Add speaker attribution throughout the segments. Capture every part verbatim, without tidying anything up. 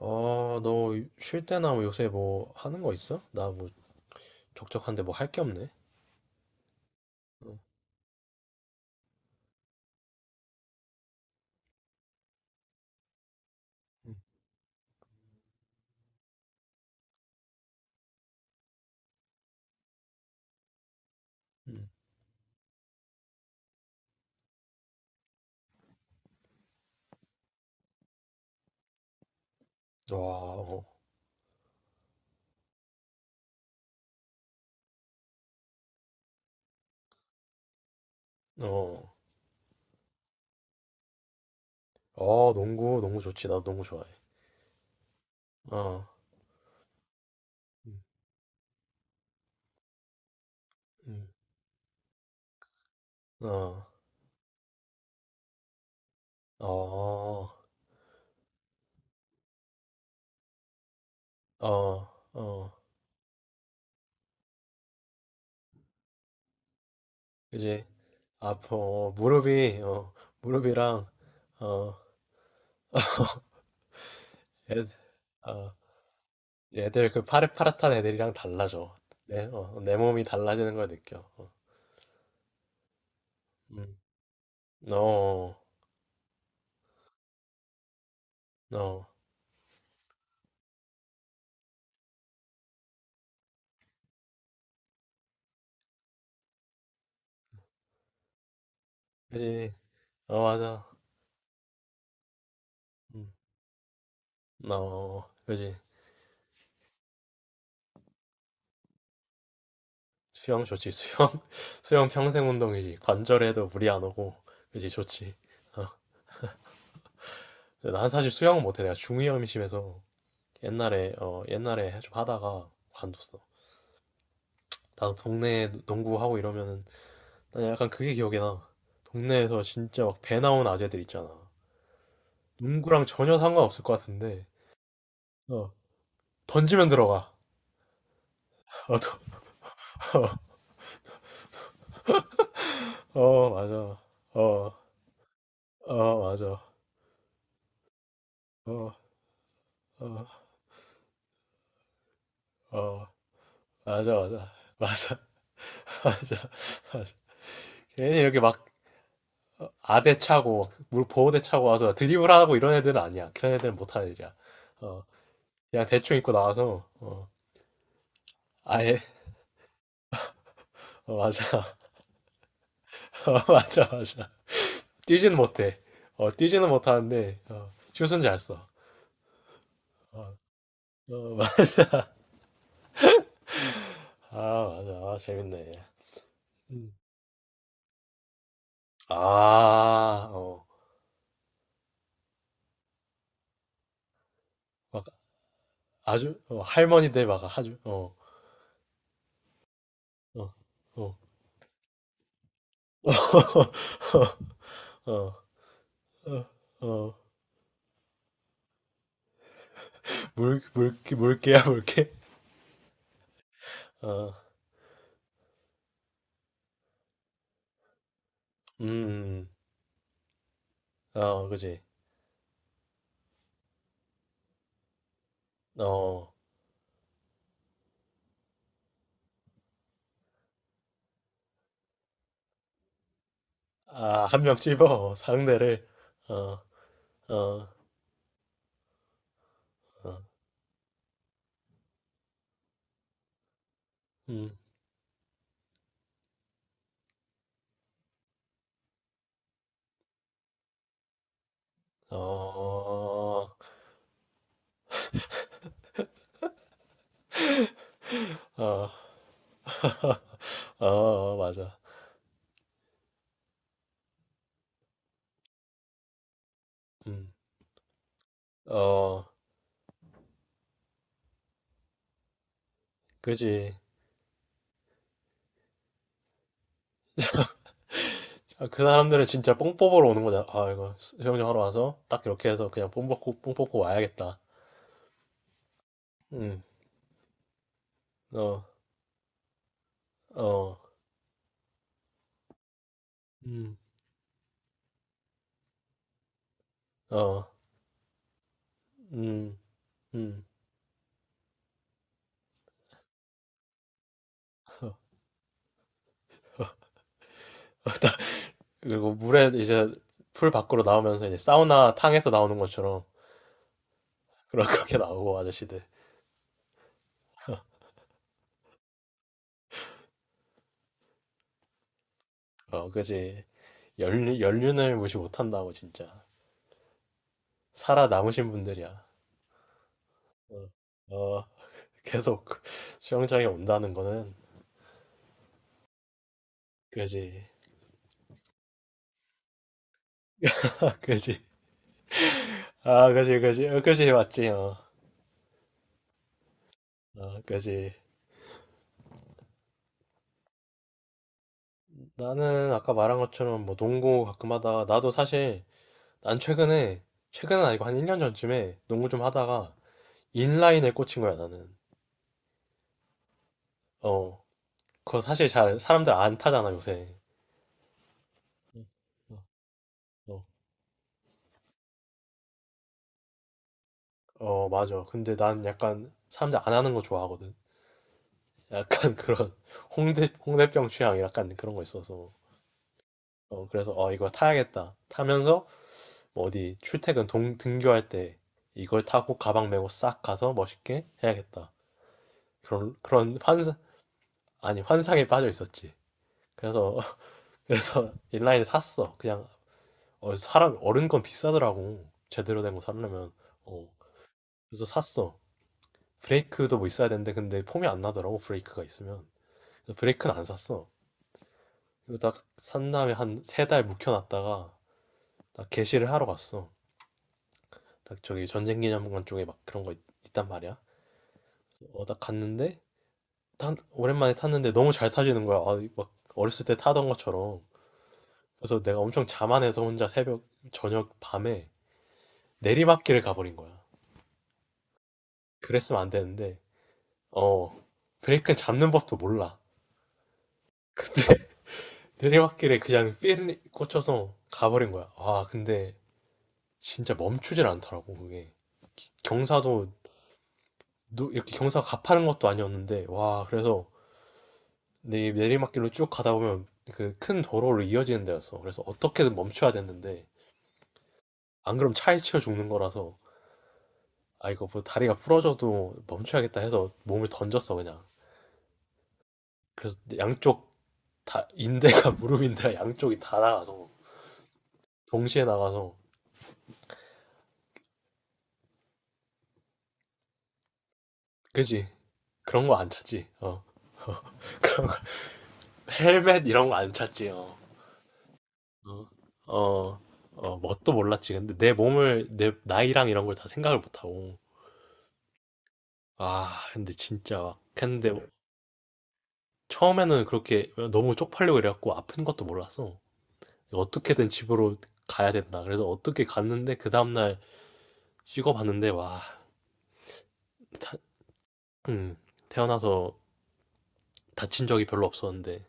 Speaker 1: 아, 너 쉴 때나 뭐 요새 뭐 하는 거 있어? 나 뭐 적적한데 뭐 할 게 없네. 어, 음, 음. 와, 어, 어, 어, 농구, 농구 좋지. 나도 농구 좋아해. 어, 음, 음, 어, 어, 어, 어, 그지? 아파, 어, 무릎이, 어, 무릎이랑, 어, 애들, 어, 애들 그 파릇파릇한 애들이랑 달라져. 내, 어, 내 몸이 달라지는 걸 느껴. 어, 음, 어, 어, 그지? 어 맞아. 음. 어, 그지. 수영 좋지. 수영 수영 평생 운동이지. 관절에도 무리 안 오고 그지 좋지. 어. 근데 난 사실 수영 못해. 내가 중이염이 심해서 옛날에 어 옛날에 좀 하다가 관뒀어. 나도 동네 농구 하고 이러면은 난 약간 그게 기억이 나. 동네에서 진짜 막 배 나온 아재들 있잖아. 농구랑 전혀 상관없을 것 같은데 어 던지면 들어가. 어, 더- 어, 어 맞아. 어, 어 맞아. 어, 어, 어. 맞아, 맞아. 맞아, 맞아, 맞아. 괜히 이렇게 막 어, 아대 차고, 물 보호대 차고 와서 드리블하고 이런 애들은 아니야. 그런 애들은 못하는 애들이야. 어, 그냥 대충 입고 나와서, 어, 아예, 어, 맞아. 어, 맞아, 맞아. 뛰지는 못해. 어, 뛰지는 못하는데, 어, 슛은 잘 써. 어, 어, 맞아. 아, 맞아. 아, 재밌네. 음. 아, 어, 막 아주, 어, 할머니들 막 아주, 어, 어, 어. 어, 어, 어, 물, 물, 물개야, 물개? 어, 음, 음. 어, 그지. 어, 아, 한명 찝어, 상대를. 어, 어, 어, 음, 어, 어, 어, 맞아. 음, 어, 그지. 아, 그 사람들은 진짜 뽕 뽑으러 오는 거잖아. 아, 이거 수영장 하러 와서 딱 이렇게 해서 그냥 뽕 뽑고, 뽕 뽑고 와야겠다. 음, 어, 어, 음, 어, 음, 음. 그리고 물에 이제 풀 밖으로 나오면서 이제 사우나 탕에서 나오는 것처럼 그런 그렇게 나오고 아저씨들. 어, 그지. 연륜, 연륜을 무시 못한다고 진짜. 살아남으신 분들이야. 어, 어, 계속 수영장에 온다는 거는 그지. 그지. 아, 그지, 그지. 어, 그지 맞지. 어. 어, 그지. 나는 아까 말한 것처럼 뭐 농구 가끔 하다가 나도 사실 난 최근에 최근은 아니고 한 일 년 전쯤에 농구 좀 하다가 인라인에 꽂힌 거야, 나는. 어, 그거 사실 잘 사람들 안 타잖아, 요새. 어, 어, 맞아. 근데 난 약간 사람들 안 하는 거 좋아하거든. 약간 그런 홍대, 홍대병 취향 약간 그런 거 있어서. 어, 그래서 어, 이거 타야겠다. 타면서 뭐 어디 출퇴근 동, 등교할 때 이걸 타고 가방 메고 싹 가서 멋있게 해야겠다. 그런, 그런 환상, 아니, 환상에 빠져 있었지. 그래서, 그래서 인라인을 샀어. 그냥, 어, 사람, 어른 건 비싸더라고. 제대로 된 거 사려면. 어, 그래서 샀어. 브레이크도 뭐 있어야 되는데 근데 폼이 안 나더라고 브레이크가 있으면 그래서 브레이크는 안 샀어 그리고 딱산 다음에 한 세 달 묵혀놨다가 딱 개시를 하러 갔어 딱 저기 전쟁기념관 쪽에 막 그런 거 있, 단 말이야 어 딱 갔는데 탄- 오랜만에 탔는데 너무 잘 타지는 거야 아, 막 어렸을 때 타던 것처럼 그래서 내가 엄청 자만해서 혼자 새벽 저녁 밤에 내리막길을 가버린 거야 그랬으면 안 되는데 어 브레이크는 잡는 법도 몰라 내리막길에 그냥 삘 꽂혀서 가버린 거야. 아, 근데 진짜 멈추질 않더라고, 그게. 경사도, 노- 이렇게 경사가 가파른 것도 아니었는데, 와, 그래서 내 내리막길로 쭉 가다 보면 그 큰 도로로 이어지는 데였어. 그래서 어떻게든 멈춰야 됐는데, 안 그럼 차에 치여 죽는 거라서, 아, 이거 뭐 다리가 부러져도 멈춰야겠다 해서 몸을 던졌어, 그냥. 그래서 양쪽 다, 인대가 무릎인데 양쪽이 다 나가서, 동시에 나가서, 그지? 그런 거 안 찾지? 어. 헬멧 이런 거 안 찼지요. 어, 어, 어, 어, 뭣도 몰랐지. 근데 내 몸을, 내 나이랑 이런 걸 다 생각을 못하고. 아, 근데 진짜 막 했는데 처음에는 그렇게 너무 쪽팔리고 이래갖고 아픈 것도 몰랐어. 어떻게든 집으로 가야 된다. 그래서 어떻게 갔는데 그 다음날 찍어봤는데 와, 다- 음, 태어나서 다친 적이 별로 없었는데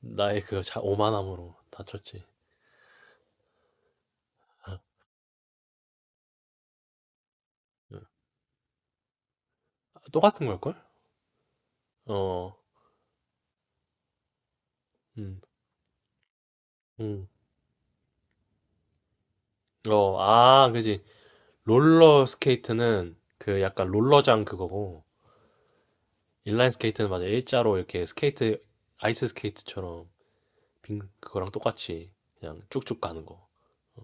Speaker 1: 나의 그 자, 오만함으로 다쳤지. 응, 응. 아, 음. 똑같은 걸걸? 어, 음, 음. 어, 아, 그지. 롤러 스케이트는 그 약간 롤러장 그거고 인라인 스케이트는 맞아 일자로 이렇게 스케이트 아이스 스케이트처럼 빙 그거랑 똑같이 그냥 쭉쭉 가는 거. 어,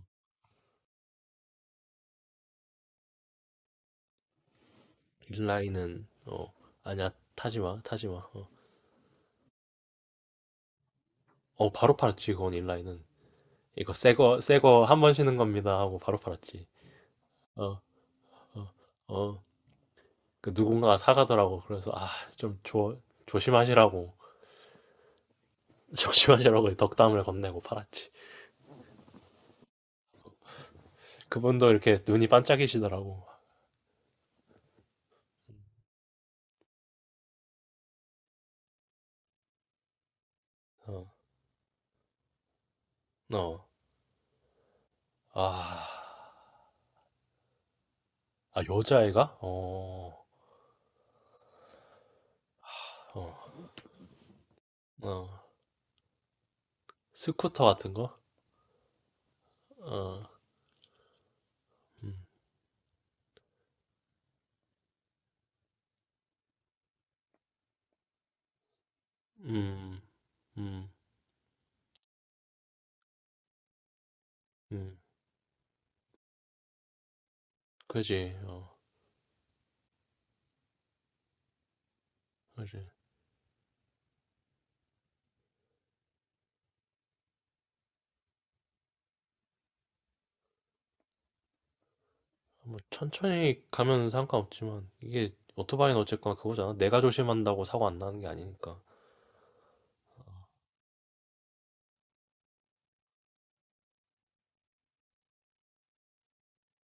Speaker 1: 인라인은 어 아니야 타지 마 타지 마. 어, 어, 바로 팔았지 그건 인라인은 이거 새거 새거 한 번 쉬는 겁니다 하고 바로 팔았지. 어 어 어 그 누군가가 사가더라고 그래서 아좀 조심하시라고 조심하시라고 덕담을 건네고 팔았지. 그분도 이렇게 눈이 반짝이시더라고. 어. 어. 아. 아, 여자애가? 어. 어. 어. 스쿠터 같은 거? 어. 음. 음. 음. 음. 그지. 어. 그지. 뭐 천천히 가면 상관없지만 이게 오토바이는 어쨌거나 그거잖아. 내가 조심한다고 사고 안 나는 게 아니니까.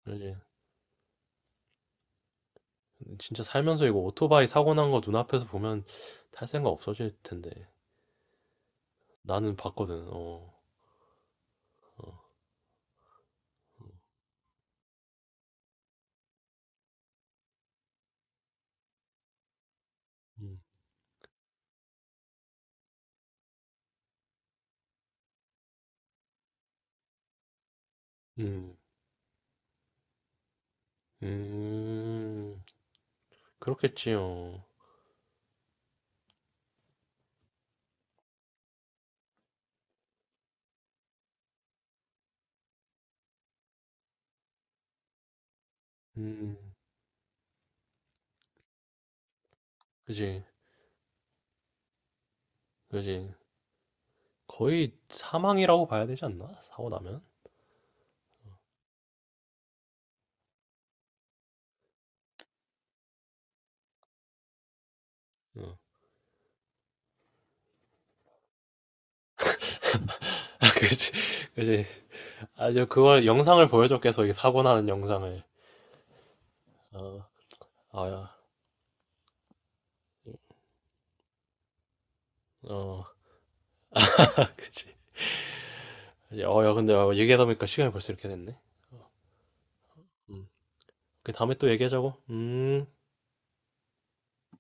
Speaker 1: 그지. 진짜 살면서 이거 오토바이 사고 난거 눈앞에서 보면 탈 생각 없어질 텐데. 나는 봤거든. 어. 어. 음. 음. 음. 그렇겠지요. 음. 그지. 그지. 거의 사망이라고 봐야 되지 않나? 사고 나면? 응. 아, 그지. 그지. 아주 그걸 영상을 보여줘, 계속 이 사고 나는 영상을. 어, 아야. 어, 그지. 그지. 어, 야, 근데 어, 얘기하다 보니까 시간이 벌써 이렇게 됐네. 음. 그 다음에 또 얘기하자고. 음.